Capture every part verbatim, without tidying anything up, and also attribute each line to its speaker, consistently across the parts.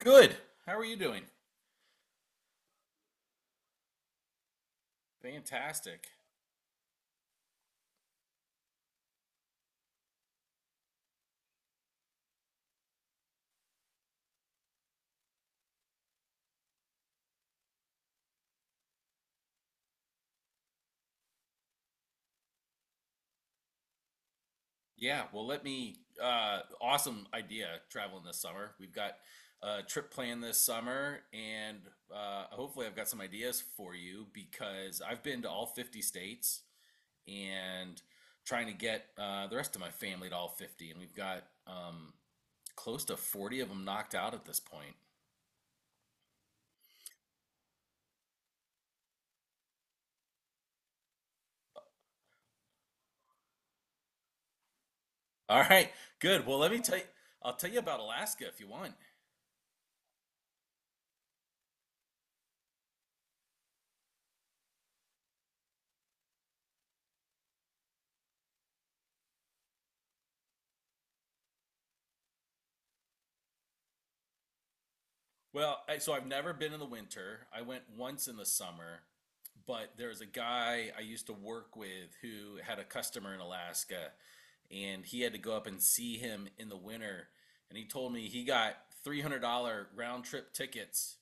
Speaker 1: Good. How are you doing? Fantastic. Yeah, well, let me uh awesome idea traveling this summer. We've got a trip planned this summer, and uh hopefully I've got some ideas for you because I've been to all fifty states and trying to get uh the rest of my family to all fifty, and we've got um close to forty of them knocked out at this point. All right. Good. Well, let me tell you, I'll tell you about Alaska if you want. Well, I, so I've never been in the winter. I went once in the summer, but there's a guy I used to work with who had a customer in Alaska, and he had to go up and see him in the winter. And he told me he got three hundred dollars round trip tickets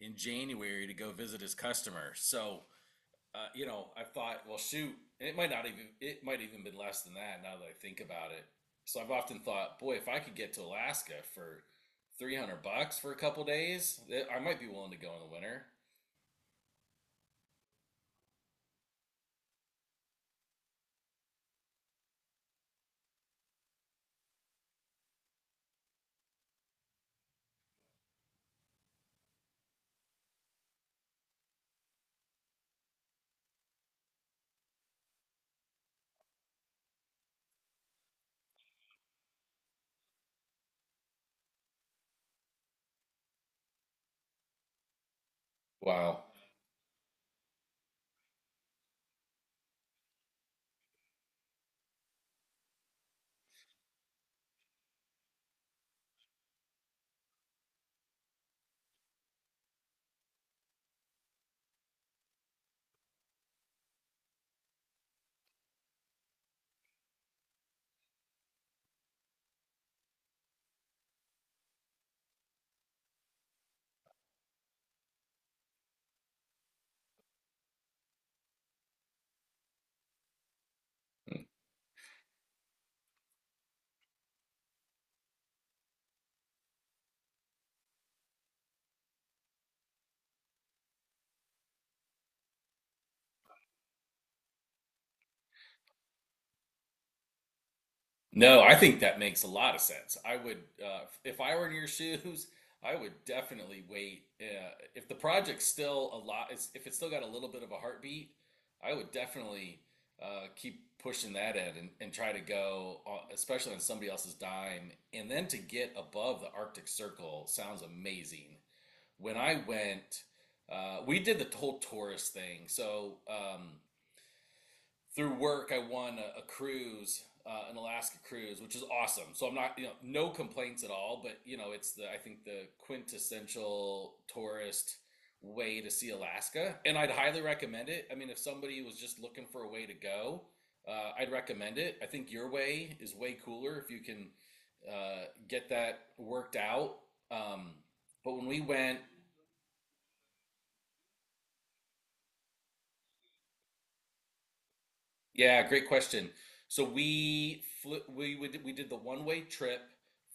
Speaker 1: in January to go visit his customer. So uh, you know, I thought, well, shoot, it might not even, it might even been less than that now that I think about it. So I've often thought, boy, if I could get to Alaska for three hundred bucks for a couple days, I might be willing to go in the winter. Wow. No, I think that makes a lot of sense. I would, uh, if I were in your shoes, I would definitely wait. Uh, if the project's still a lot, If it's still got a little bit of a heartbeat, I would definitely uh, keep pushing that in, and, and try to go, on, especially on somebody else's dime. And then to get above the Arctic Circle sounds amazing. When I went, uh, we did the whole tourist thing. So, um, through work, I won a, a cruise, uh, an Alaska cruise, which is awesome. So I'm not, you know, no complaints at all. But you know, it's the I think the quintessential tourist way to see Alaska, and I'd highly recommend it. I mean, if somebody was just looking for a way to go, uh, I'd recommend it. I think your way is way cooler if you can uh, get that worked out. Um, but when we went, yeah, great question. So we flew, we would we did the one-way trip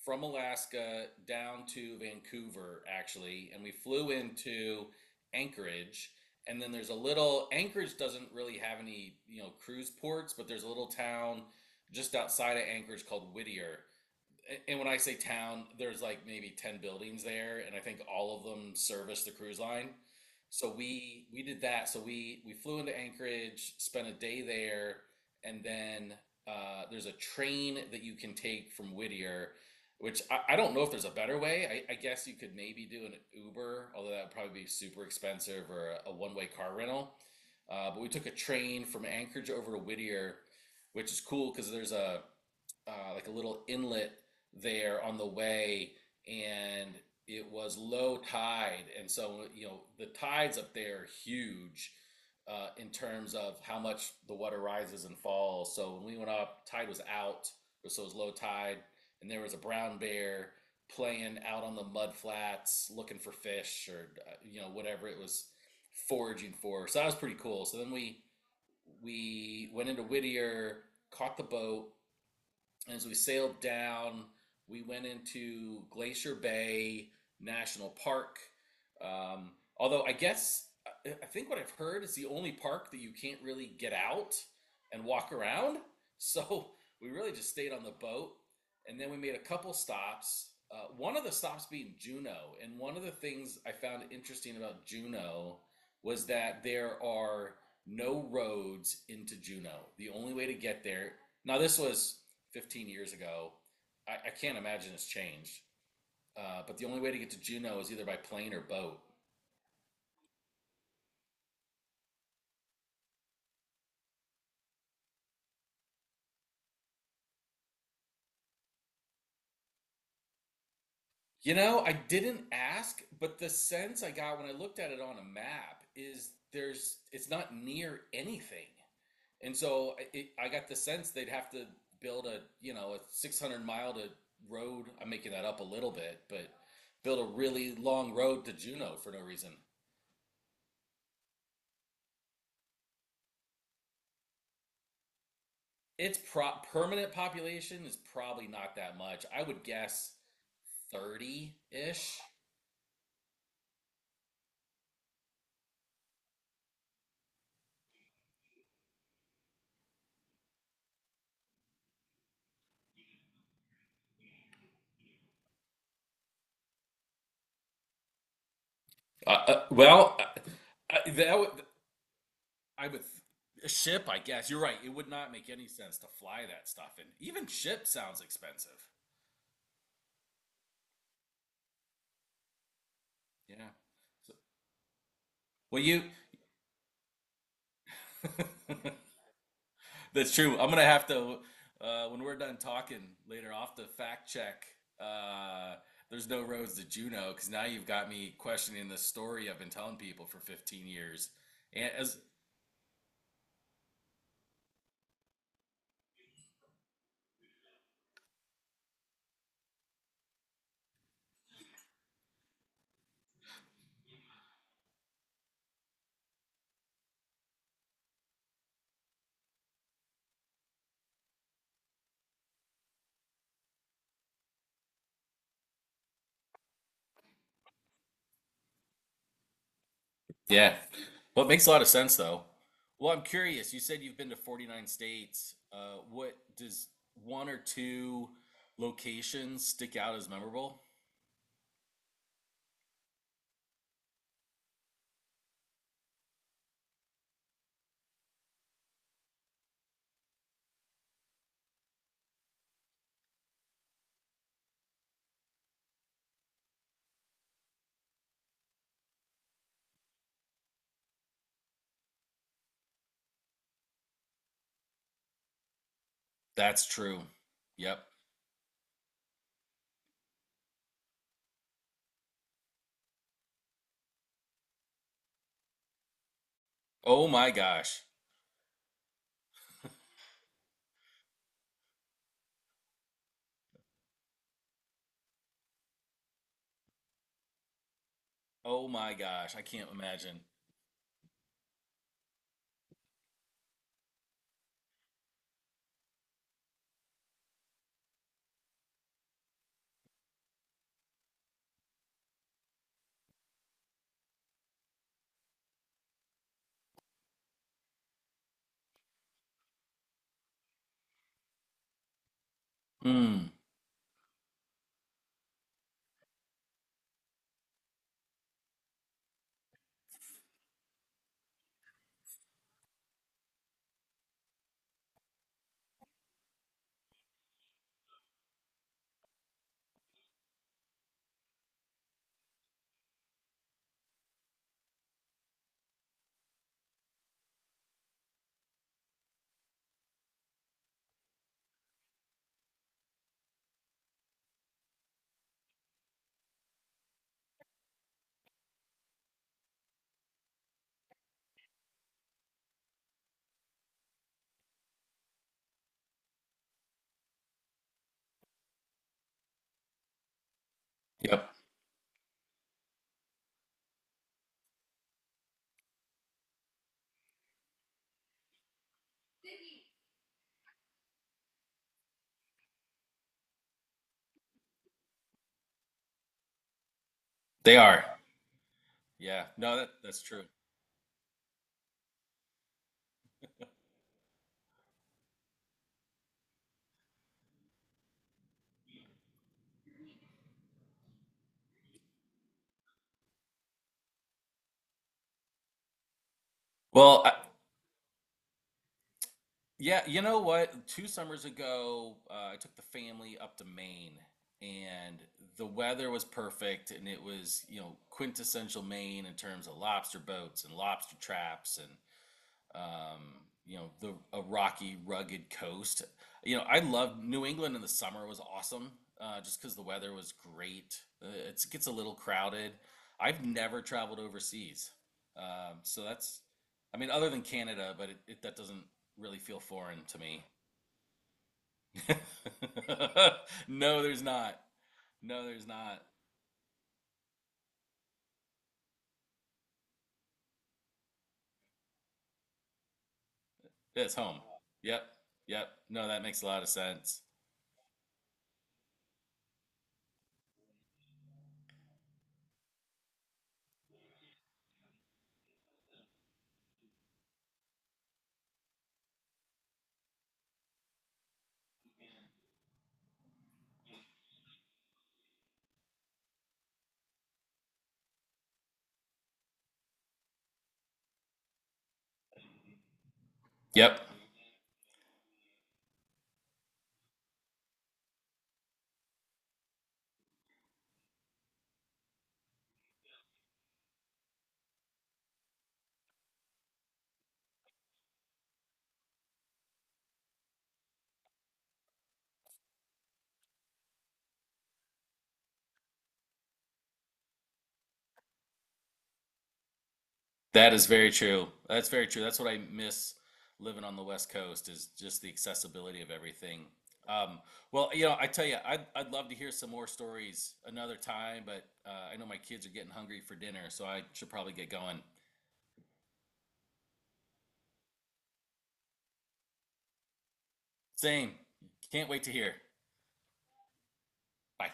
Speaker 1: from Alaska down to Vancouver actually, and we flew into Anchorage. And then there's a little Anchorage doesn't really have any, you know, cruise ports, but there's a little town just outside of Anchorage called Whittier. And when I say town, there's like maybe ten buildings there, and I think all of them service the cruise line. So we we did that. So we we flew into Anchorage, spent a day there, and then uh, there's a train that you can take from Whittier, which I, I don't know if there's a better way. I, I guess you could maybe do an Uber, although that would probably be super expensive, or a, a one-way car rental. Uh, but we took a train from Anchorage over to Whittier, which is cool because there's a uh, like a little inlet there on the way, and it was low tide, and so you know the tides up there are huge uh, in terms of how much the water rises and falls. So when we went up, tide was out, so it was low tide, and there was a brown bear playing out on the mud flats, looking for fish or uh, you know whatever it was foraging for. So that was pretty cool. So then we we went into Whittier, caught the boat, and as we sailed down, we went into Glacier Bay National Park. Um, although I guess I think what I've heard is the only park that you can't really get out and walk around. So we really just stayed on the boat, and then we made a couple stops. Uh, one of the stops being Juneau, and one of the things I found interesting about Juneau was that there are no roads into Juneau. The only way to get there. Now this was fifteen years ago. I, I can't imagine it's changed. Uh, but the only way to get to Juneau is either by plane or boat. You know, I didn't ask, but the sense I got when I looked at it on a map is there's it's not near anything, and so I- it, I got the sense they'd have to build a you know a six hundred mile to road. I'm making that up a little bit, but build a really long road to Juneau for no reason. Its pro- permanent population is probably not that much. I would guess thirty-ish. Uh, uh, well, I, I- that would, I would a ship, I guess. You're right. It would not make any sense to fly that stuff, and even ship sounds expensive. Yeah. So, well, you. That's true. I'm gonna have to uh, when we're done talking later off the fact check. Uh, there's no roads to Juno because now you've got me questioning the story I've been telling people for fifteen years, and as yeah. Well, it makes a lot of sense though. Well, I'm curious. You said you've been to forty-nine states. Uh, what does one or two locations stick out as memorable? That's true. Yep. Oh my gosh. Oh my gosh. I can't imagine. Mm. Yep. They are. Yeah. No, that, that's true. Well, I, Yeah, you know what? Two summers ago, uh, I took the family up to Maine, and the weather was perfect, and it was, you know, quintessential Maine in terms of lobster boats and lobster traps, and um, you know, the a rocky, rugged coast. You know, I loved New England in the summer was awesome, uh, just because the weather was great. Uh, it's, it gets a little crowded. I've never traveled overseas, um, so that's, I mean, other than Canada, but it, it that doesn't really feel foreign to me. No, there's not. No, there's not. It's home. Yep. Yep. No, that makes a lot of sense. Yep. That is very true. That's very true. That's what I miss living on the West Coast is just the accessibility of everything. Um, well, you know, I tell you, I'd, I'd love to hear some more stories another time, but uh, I know my kids are getting hungry for dinner, so I should probably get going. Same. Can't wait to hear. Bye.